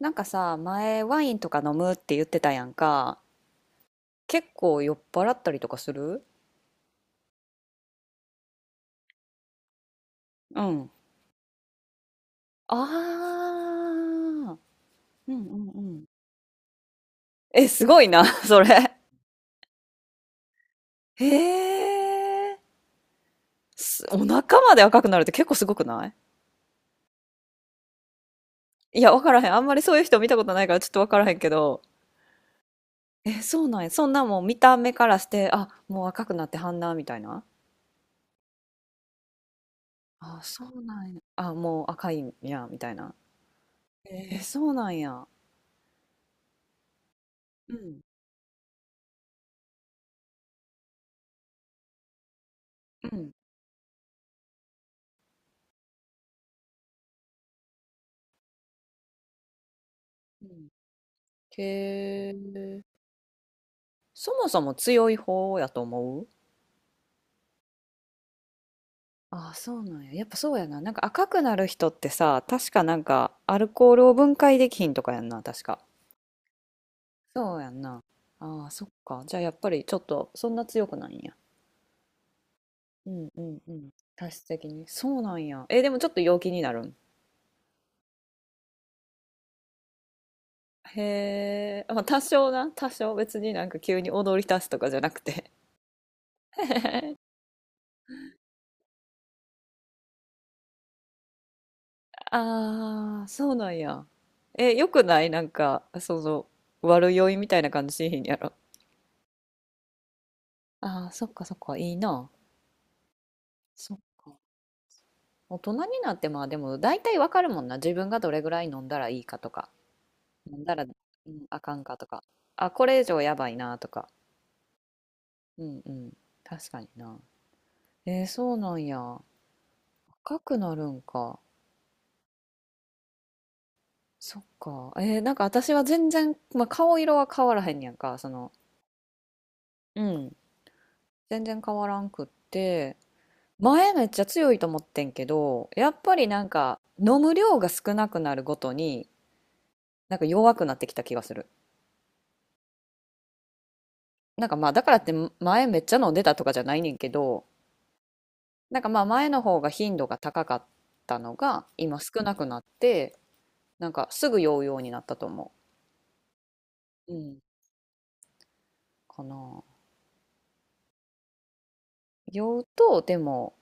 なんかさ、前ワインとか飲むって言ってたやんか。結構酔っ払ったりとかする。うん。ああ、うんうんうん。え、すごいな、それ。へえ。すお腹まで赤くなるって結構すごくない？いや、わからへん。あんまりそういう人見たことないからちょっとわからへんけど。え、そうなんや。そんなもう見た目からして、あ、もう赤くなってはんな、みたいな。あ、そうなんや。あ、もう赤いんや、みたいな。えーそうなんや。うん。うん。うん。へえ。そもそも強い方やと思う？ああ、そうなんや。やっぱそうやな。なんか赤くなる人ってさ、確かなんかアルコールを分解できひんとかやんな、確か。そうやんな。ああ、そっか。じゃあやっぱりちょっとそんな強くないんや。うんうんうん。体質的に。そうなんや。え、でもちょっと陽気になるん？へえ。まあ多少な。多少別になんか急に踊り出すとかじゃなくて。ああ、そうなんや。え、よくないなんか、その、悪酔いみたいな感じしへんやろ。ああ、そっかそっか、いいな。そっか。大人になってまあでも大体わかるもんな。自分がどれぐらい飲んだらいいかとか、飲んだら、うん、あかんかとか、あ、これ以上やばいなとか。うんうん。確かにな。えー、そうなんや。赤くなるんか。そっか。えー、なんか私は全然、まあ、顔色は変わらへんやんか。その、うん。全然変わらんくって。前めっちゃ強いと思ってんけど、やっぱりなんか飲む量が少なくなるごとに、なんか弱くなってきた気がする。なんかまあだからって前めっちゃ飲んでたとかじゃないねんけど、なんかまあ前の方が頻度が高かったのが今少なくなって、なんかすぐ酔うようになったと思う。うん。かな。酔うと、でも、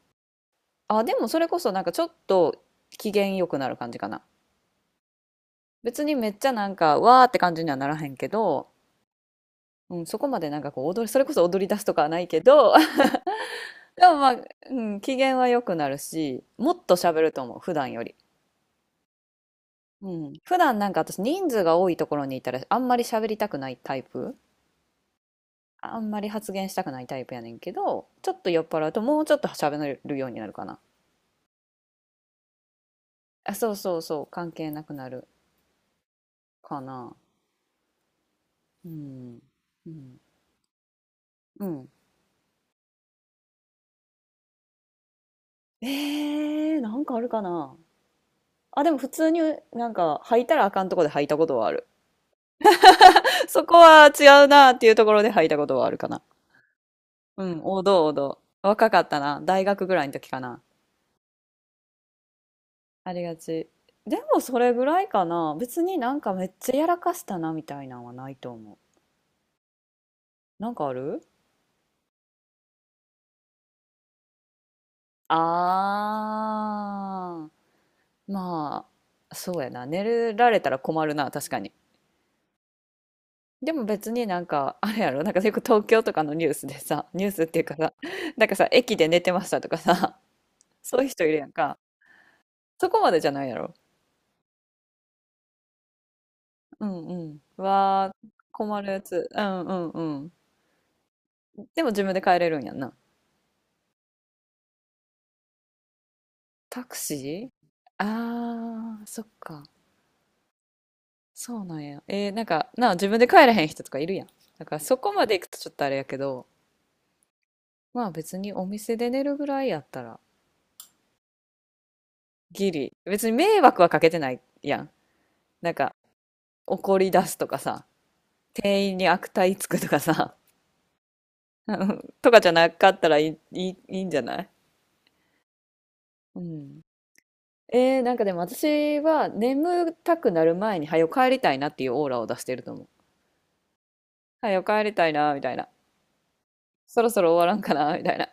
あ、でもそれこそなんかちょっと機嫌良くなる感じかな。別にめっちゃなんかわーって感じにはならへんけど、うん、そこまでなんかこう踊り、それこそ踊り出すとかはないけど、でもまあ、うん、機嫌は良くなるし、もっと喋ると思う、普段より。うん。普段なんか私人数が多いところにいたらあんまり喋りたくないタイプ。あんまり発言したくないタイプやねんけど、ちょっと酔っ払うともうちょっと喋れるようになるかな。あ、そうそうそう、関係なくなるかな。うん。うん。うん。えー、なんかあるかな。あ、でも普通になんか履いたらあかんとこで履いたことはある。そこは違うなっていうところで履いたことはあるかな。うん、王道王道。若かったな。大学ぐらいの時かな。ありがち。でもそれぐらいかな。別になんかめっちゃやらかしたなみたいなのはないと思う。なんかある？あー。まあ、そうやな。寝られたら困るな、確かに。でも別になんか、あれやろ、なんかよく東京とかのニュースでさ、ニュースっていうかさ、なんかさ、駅で寝てましたとかさ、そういう人いるやんか。そこまでじゃないやろ。うんうん。わー、困るやつ。うんうんうん。でも自分で帰れるんやんな。タクシー。あー、そっか。そうなんや。えー、なんか、なあ、自分で帰れへん人とかいるやん。だからそこまで行くとちょっとあれやけど、まあ別にお店で寝るぐらいやったら、ギリ。別に迷惑はかけてないやん。なんか、怒り出すとかさ、店員に悪態つくとかさ、とかじゃなかったらいい、いい、いいんじゃない？うん。えー、なんかでも私は眠たくなる前に早く帰りたいなっていうオーラを出してると思う。早く帰りたいなみたいな。そろそろ終わらんかなみたいな。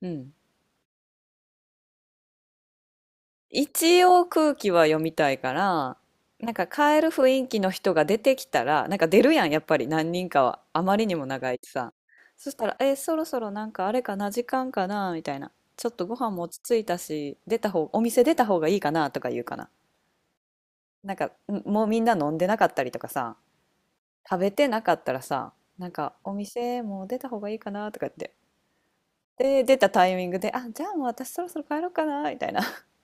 うん。一応空気は読みたいから、なんか帰る雰囲気の人が出てきたら、なんか出るやん、やっぱり何人かは。あまりにも長いしさ。そしたら、えー、そろそろなんかあれかな、時間かなみたいな。ちょっとご飯も落ち着いたし、出た方、お店出た方がいいかなとか言うかな。なんか、んもうみんな飲んでなかったりとかさ。食べてなかったらさ、なんかお店もう出た方がいいかなとか言って。で、出たタイミングで、あ、じゃあもう私そろそろ帰ろうかなみたいな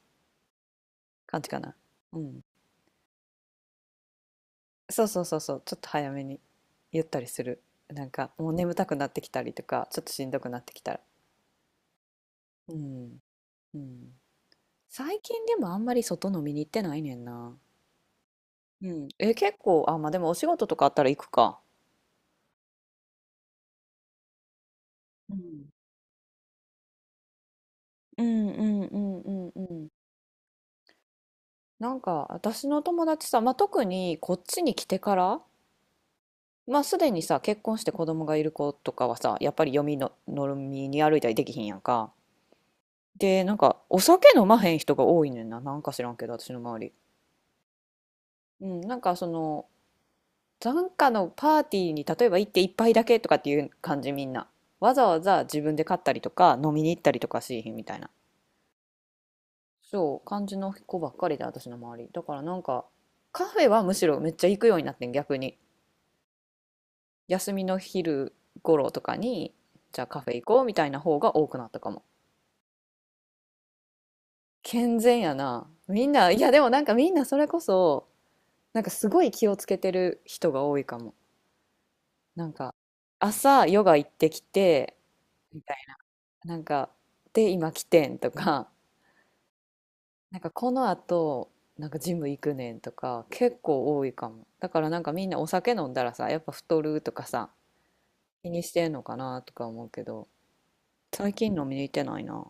感じかな。うん。そうそうそうそう、ちょっと早めに言ったりする。なんかもう眠たくなってきたりとか、ちょっとしんどくなってきたら。うん。うん。最近でもあんまり外飲みに行ってないねんな。うん。え、結構、あ、まあでもお仕事とかあったら行くか。うん。うんうんうんうんうん。なんか私の友達さ、まあ、特にこっちに来てから、まあすでにさ結婚して子供がいる子とかはさやっぱり読みの飲みに歩いたりできひんやんか。でなんかお酒飲まへん人が多いねんな、なんか知らんけど私の周り。うん、なんかその、なんかのパーティーに例えば行って一杯だけとかっていう感じみんな。わざわざ自分で買ったりとか飲みに行ったりとかしひんみたいな。そう感じの子ばっかりで私の周り。だからなんかカフェはむしろめっちゃ行くようになってん逆に。休みの昼頃とかにじゃあカフェ行こうみたいな方が多くなったかも。健全やな。みんな、いやでもなんかみんなそれこそ、なんかすごい気をつけてる人が多いかも。なんか、朝ヨガ行ってきて、みたいな。なんか、で、今来てんとか、なんかこの後、なんかジム行くねんとか、結構多いかも。だからなんかみんなお酒飲んだらさ、やっぱ太るとかさ、気にしてんのかなとか思うけど、最近飲みに行ってないな。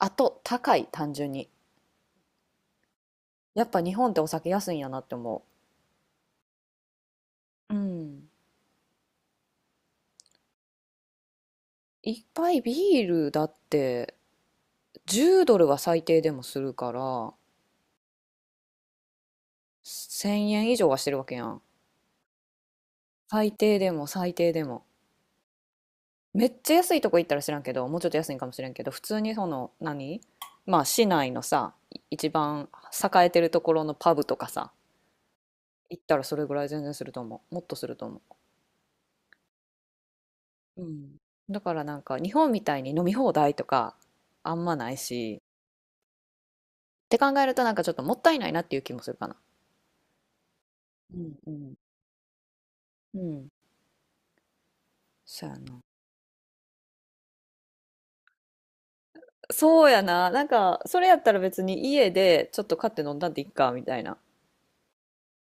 あと、高い、単純に。やっぱ日本ってお酒安いんやなって思う。うん。一杯ビールだって10ドルは最低でもするから1000円以上はしてるわけやん。最低でも最低でも。めっちゃ安いとこ行ったら知らんけど、もうちょっと安いんかもしれんけど、普通にその何、まあ市内のさ、一番栄えてるところのパブとかさ、行ったらそれぐらい全然すると思う。もっとすると思う。うん。だからなんか日本みたいに飲み放題とかあんまないし、って考えるとなんかちょっともったいないなっていう気もするかな。うんうん。うん。そうやな。そうやな。なんか、それやったら別に家でちょっと買って飲んだんでいっか、みたいな。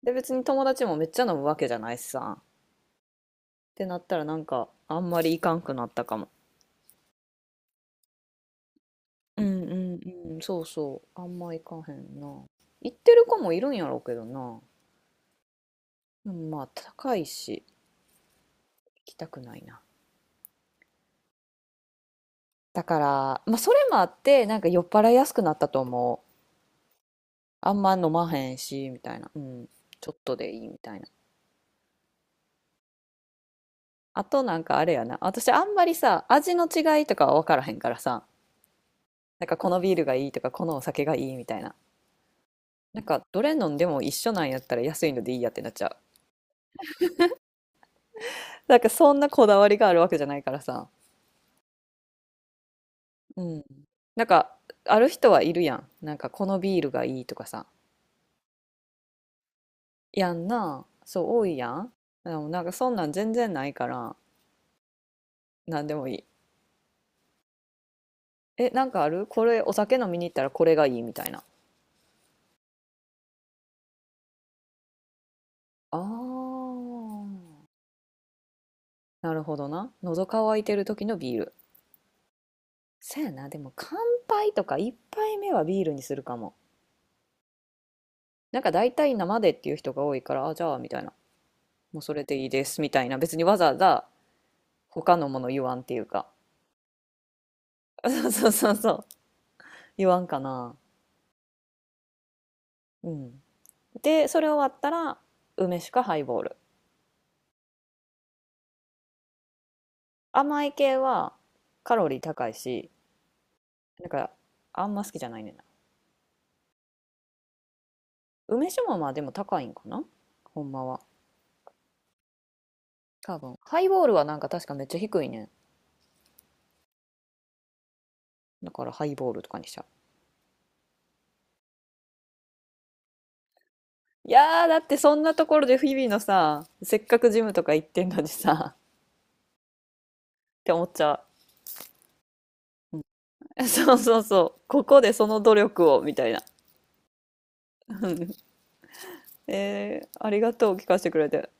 で、別に友達もめっちゃ飲むわけじゃないしさ。ってなったらなんか、あんまりいかんくなったかも。うんうんうん、そうそう。あんまいかへんな。行ってる子もいるんやろうけどな。でもまあ、高いし、行きたくないな。だから、まあ、それもあって、なんか酔っ払いやすくなったと思う。あんま飲まへんし、みたいな。うん、ちょっとでいいみたいな。あとなんかあれやな。私あんまりさ、味の違いとかは分からへんからさ、なんかこのビールがいいとか、このお酒がいいみたいな。なんかどれ飲んでも一緒なんやったら安いのでいいやってなっちゃう。なんかそんなこだわりがあるわけじゃないからさ。うん。なんかある人はいるやん。なんかこのビールがいいとかさ。やんな。そう多いやん。でもなんかそんなん全然ないから、なんでもいい。え、なんかあるこれお酒飲みに行ったらこれがいいみたいな？ああ、なるほどな。喉乾いてる時のビール。そやな、でも乾杯とか一杯目はビールにするかも。なんか大体生でっていう人が多いから、あ、じゃあみたいな。もうそれでいいですみたいな。別にわざわざ他のもの言わんっていうか。そうそうそうそう。言わんかな。うん。で、それ終わったら梅酒かハイボール。甘い系はカロリー高いし、なんかあんま好きじゃないねんな。梅酒もまあでも高いんかなほんまは。多分。ハイボールはなんか確かめっちゃ低いねん。だからハイボールとかにしちゃう。いやー、だってそんなところで日々のさ、せっかくジムとか行ってんのにさ、って思っちゃう。うん。 そうそうそう。ここでその努力を、みたいな。えー、ありがとう、聞かせてくれて。